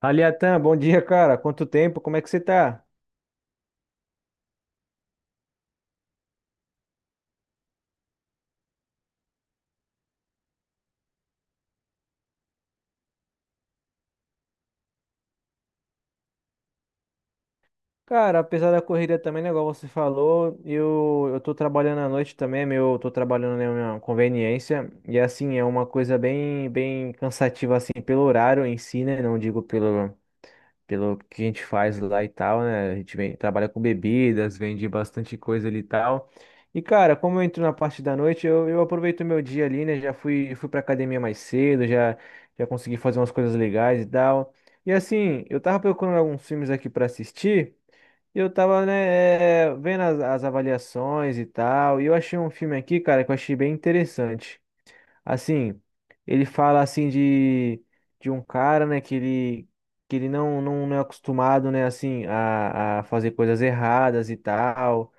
Aliatan, bom dia, cara. Quanto tempo? Como é que você tá? Cara, apesar da corrida também, né, igual você falou, eu tô trabalhando à noite também, é meu, eu tô trabalhando na minha conveniência, e assim, é uma coisa bem, bem cansativa, assim, pelo horário em si, né, não digo pelo que a gente faz lá e tal, né? A gente trabalha com bebidas, vende bastante coisa ali e tal. E, cara, como eu entro na parte da noite, eu aproveito o meu dia ali, né? Já fui pra academia mais cedo, já consegui fazer umas coisas legais e tal. E assim, eu tava procurando alguns filmes aqui pra assistir, e eu tava, né, vendo as, avaliações e tal, e eu achei um filme aqui, cara, que eu achei bem interessante. Assim, ele fala assim de, um cara, né, que ele não, é acostumado, né, assim, a fazer coisas erradas e tal.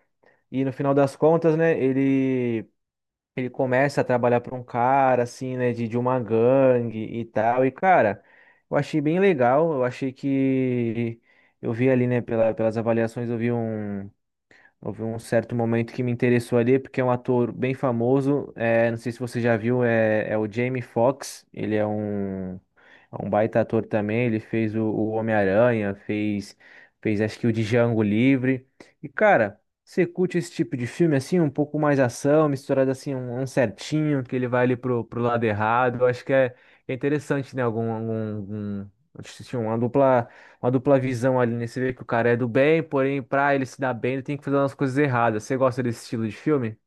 E no final das contas, né, ele, começa a trabalhar para um cara, assim, né, de uma gangue e tal. E, cara, eu achei bem legal. Eu achei que eu vi ali, né, pelas avaliações, eu vi um. Houve um certo momento que me interessou ali, porque é um ator bem famoso. É, não sei se você já viu, é o Jamie Foxx. Ele é um baita ator também. Ele fez o Homem-Aranha, fez acho que o Django Livre. E cara, você curte esse tipo de filme assim, um pouco mais ação, misturado assim, um certinho, que ele vai ali pro lado errado. Eu acho que é interessante, né? Algum, algum, algum, uma dupla visão ali, né? Você vê que o cara é do bem, porém, pra ele se dar bem, ele tem que fazer umas coisas erradas. Você gosta desse estilo de filme?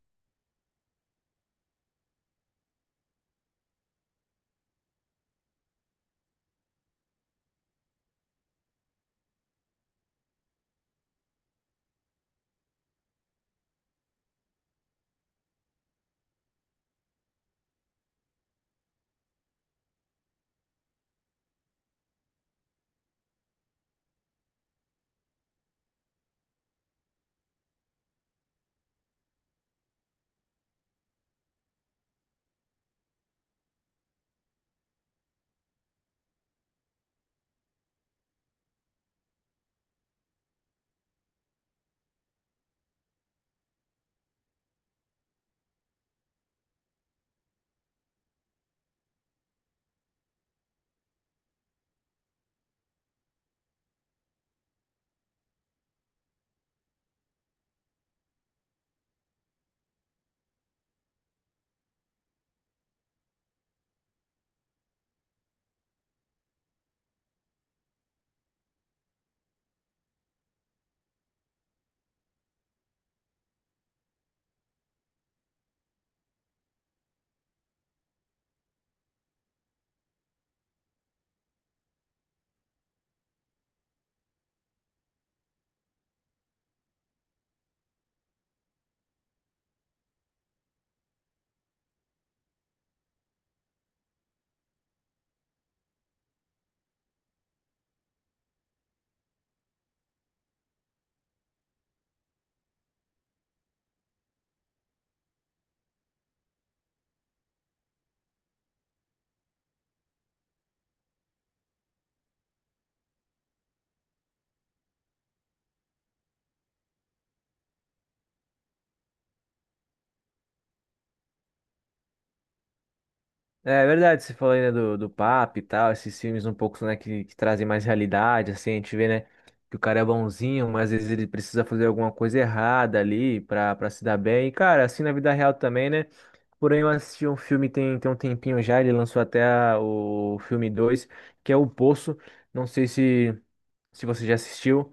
É verdade, você falou aí, né, do Papa e tal, esses filmes um pouco, né, que trazem mais realidade, assim, a gente vê, né, que o cara é bonzinho, mas às vezes ele precisa fazer alguma coisa errada ali pra se dar bem. E, cara, assim na vida real também, né? Porém, eu assisti um filme tem um tempinho já, ele lançou até o filme 2 que é O Poço. Não sei se você já assistiu,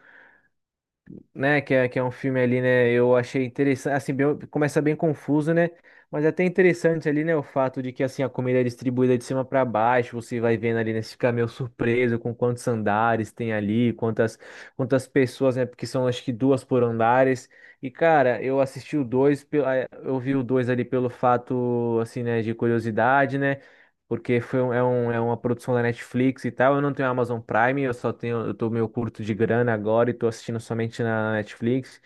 né? Que é um filme ali, né? Eu achei interessante, assim, começa bem confuso, né? Mas é até interessante ali, né? O fato de que assim a comida é distribuída de cima para baixo, você vai vendo ali, né? Você fica meio surpreso com quantos andares tem ali, quantas pessoas, né? Porque são acho que duas por andares. E cara, eu assisti o dois, eu vi o dois ali pelo fato, assim, né? De curiosidade, né? Porque foi é uma produção da Netflix e tal. Eu não tenho Amazon Prime, eu só tenho, eu tô meio curto de grana agora e tô assistindo somente na Netflix.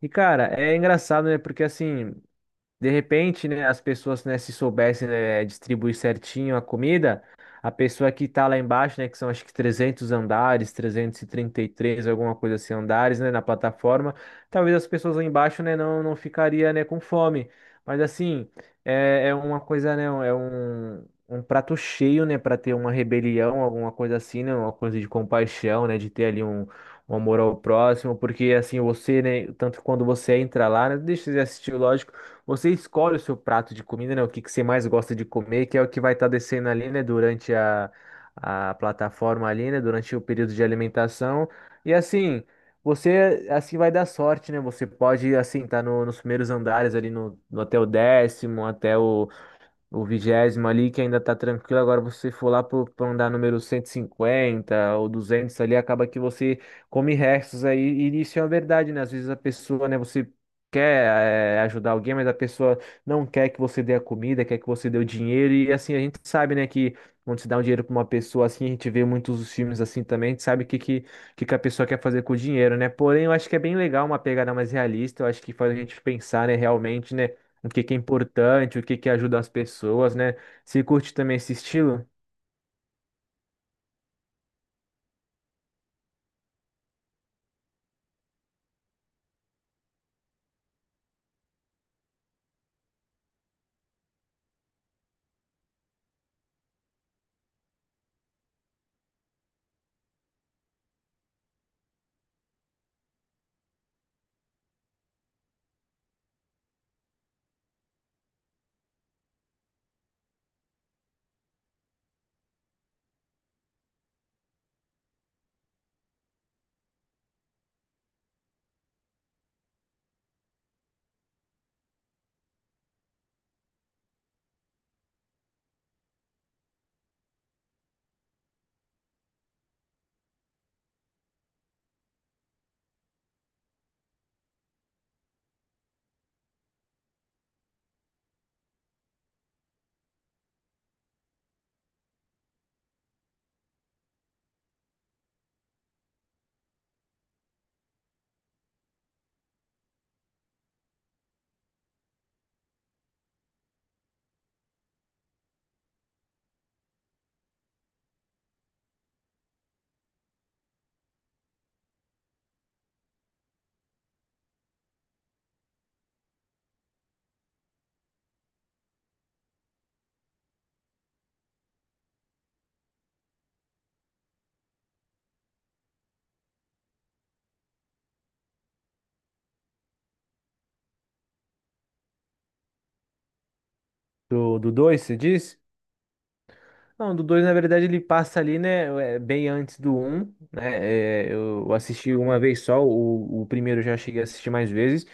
E cara, é engraçado, né? Porque assim, de repente, né, as pessoas, né, se soubessem, né, distribuir certinho a comida, a pessoa que tá lá embaixo, né, que são acho que 300 andares, trezentos e trinta e três, alguma coisa assim, andares, né, na plataforma, talvez as pessoas lá embaixo, né, não ficaria, né, com fome. Mas assim, é uma coisa, né, é um prato cheio, né, para ter uma rebelião, alguma coisa assim, né, uma coisa de compaixão, né, de ter ali um amor ao próximo, porque assim, você, né, tanto quando você entra lá, né, deixa de assistir, lógico, você escolhe o seu prato de comida, né? O que que você mais gosta de comer, que é o que vai estar descendo ali, né? Durante a plataforma ali, né? Durante o período de alimentação. E assim, você assim vai dar sorte, né? Você pode, assim, estar tá nos primeiros andares ali no até o 10º, até o 20º ali, que ainda tá tranquilo. Agora você for lá pra andar número 150 ou 200 ali, acaba que você come restos aí. E isso é uma verdade, né? Às vezes a pessoa, né, você quer ajudar alguém, mas a pessoa não quer que você dê a comida, quer que você dê o dinheiro. E assim, a gente sabe, né, que quando se dá um dinheiro pra uma pessoa assim, a gente vê muitos dos filmes assim também, a gente sabe o que que a pessoa quer fazer com o dinheiro, né? Porém, eu acho que é bem legal uma pegada mais realista, eu acho que faz a gente pensar, né, realmente, né? O que que é importante, o que que ajuda as pessoas, né? Você curte também esse estilo? Do dois, você diz? Não, do 2 na verdade, ele passa ali, né, bem antes do um, né? É, eu assisti uma vez só, o primeiro eu já cheguei a assistir mais vezes.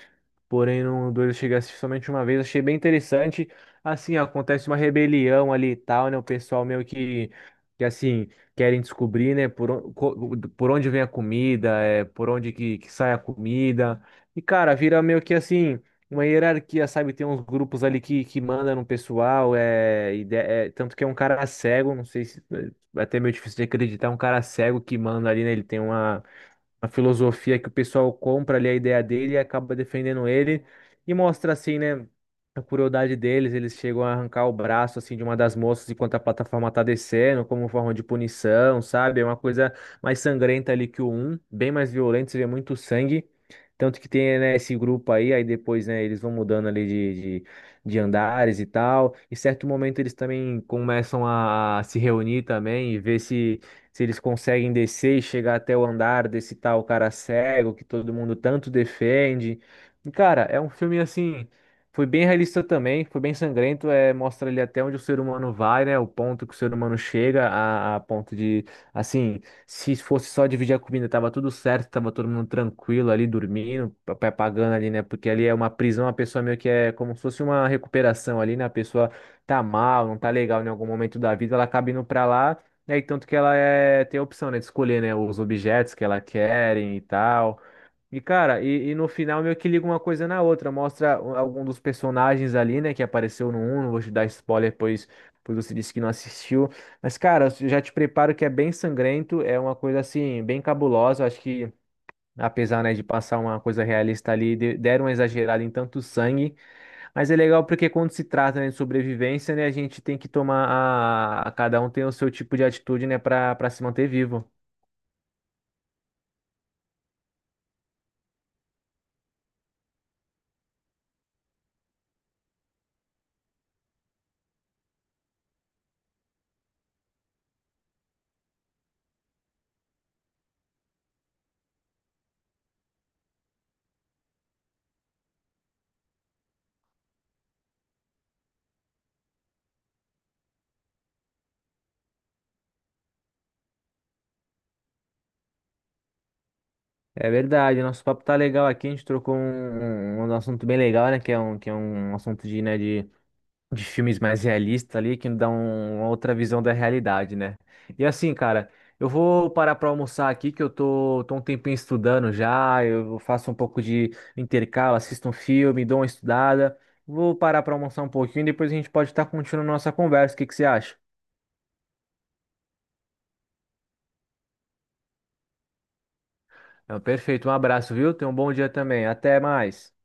Porém, no 2 eu cheguei a assistir somente uma vez, achei bem interessante. Assim, acontece uma rebelião ali e tal, né? O pessoal meio que assim, querem descobrir, né? Por onde vem a comida, por onde que sai a comida. E, cara, vira meio que assim, uma hierarquia, sabe? Tem uns grupos ali que mandam no pessoal, e tanto que é um cara cego, não sei se, é até meio difícil de acreditar, é um cara cego que manda ali, né? Ele tem uma filosofia que o pessoal compra ali a ideia dele e acaba defendendo ele e mostra assim, né, a crueldade deles, eles chegam a arrancar o braço assim de uma das moças enquanto a plataforma tá descendo, como forma de punição, sabe? É uma coisa mais sangrenta ali que o um, bem mais violento, você vê muito sangue. Tanto que tem, né, esse grupo aí, aí depois, né, eles vão mudando ali de, de andares e tal. Em certo momento eles também começam a se reunir também e ver se eles conseguem descer e chegar até o andar desse tal cara cego que todo mundo tanto defende. E, cara, é um filme assim, foi bem realista também, foi bem sangrento, é, mostra ali até onde o ser humano vai, né, o ponto que o ser humano chega a, ponto de, assim, se fosse só dividir a comida, tava tudo certo, tava todo mundo tranquilo ali, dormindo, papai pagando ali, né? Porque ali é uma prisão, a pessoa meio que é como se fosse uma recuperação ali, né? A pessoa tá mal, não tá legal em algum momento da vida, ela acaba indo pra lá, né? E tanto que ela tem a opção, né, de escolher, né, os objetos que ela querem e tal. E, cara, e no final meio que liga uma coisa na outra. Mostra um, algum dos personagens ali, né, que apareceu no um. Não vou te dar spoiler, pois você disse que não assistiu. Mas, cara, eu já te preparo que é bem sangrento. É uma coisa, assim, bem cabulosa. Eu acho que, apesar, né, de passar uma coisa realista ali, deram uma exagerada em tanto sangue. Mas é legal porque quando se trata, né, de sobrevivência, né, a gente tem que tomar cada um tem o seu tipo de atitude, né, pra se manter vivo. É verdade, nosso papo tá legal aqui, a gente trocou um assunto bem legal, né? Que é um assunto de, né, de filmes mais realistas ali, que dá uma outra visão da realidade, né? E assim, cara, eu vou parar pra almoçar aqui, que eu tô um tempinho estudando já, eu faço um pouco de intercalo, assisto um filme, dou uma estudada. Vou parar pra almoçar um pouquinho e depois a gente pode estar continuando nossa conversa. O que que você acha? Não, perfeito, um abraço, viu? Tenha um bom dia também. Até mais.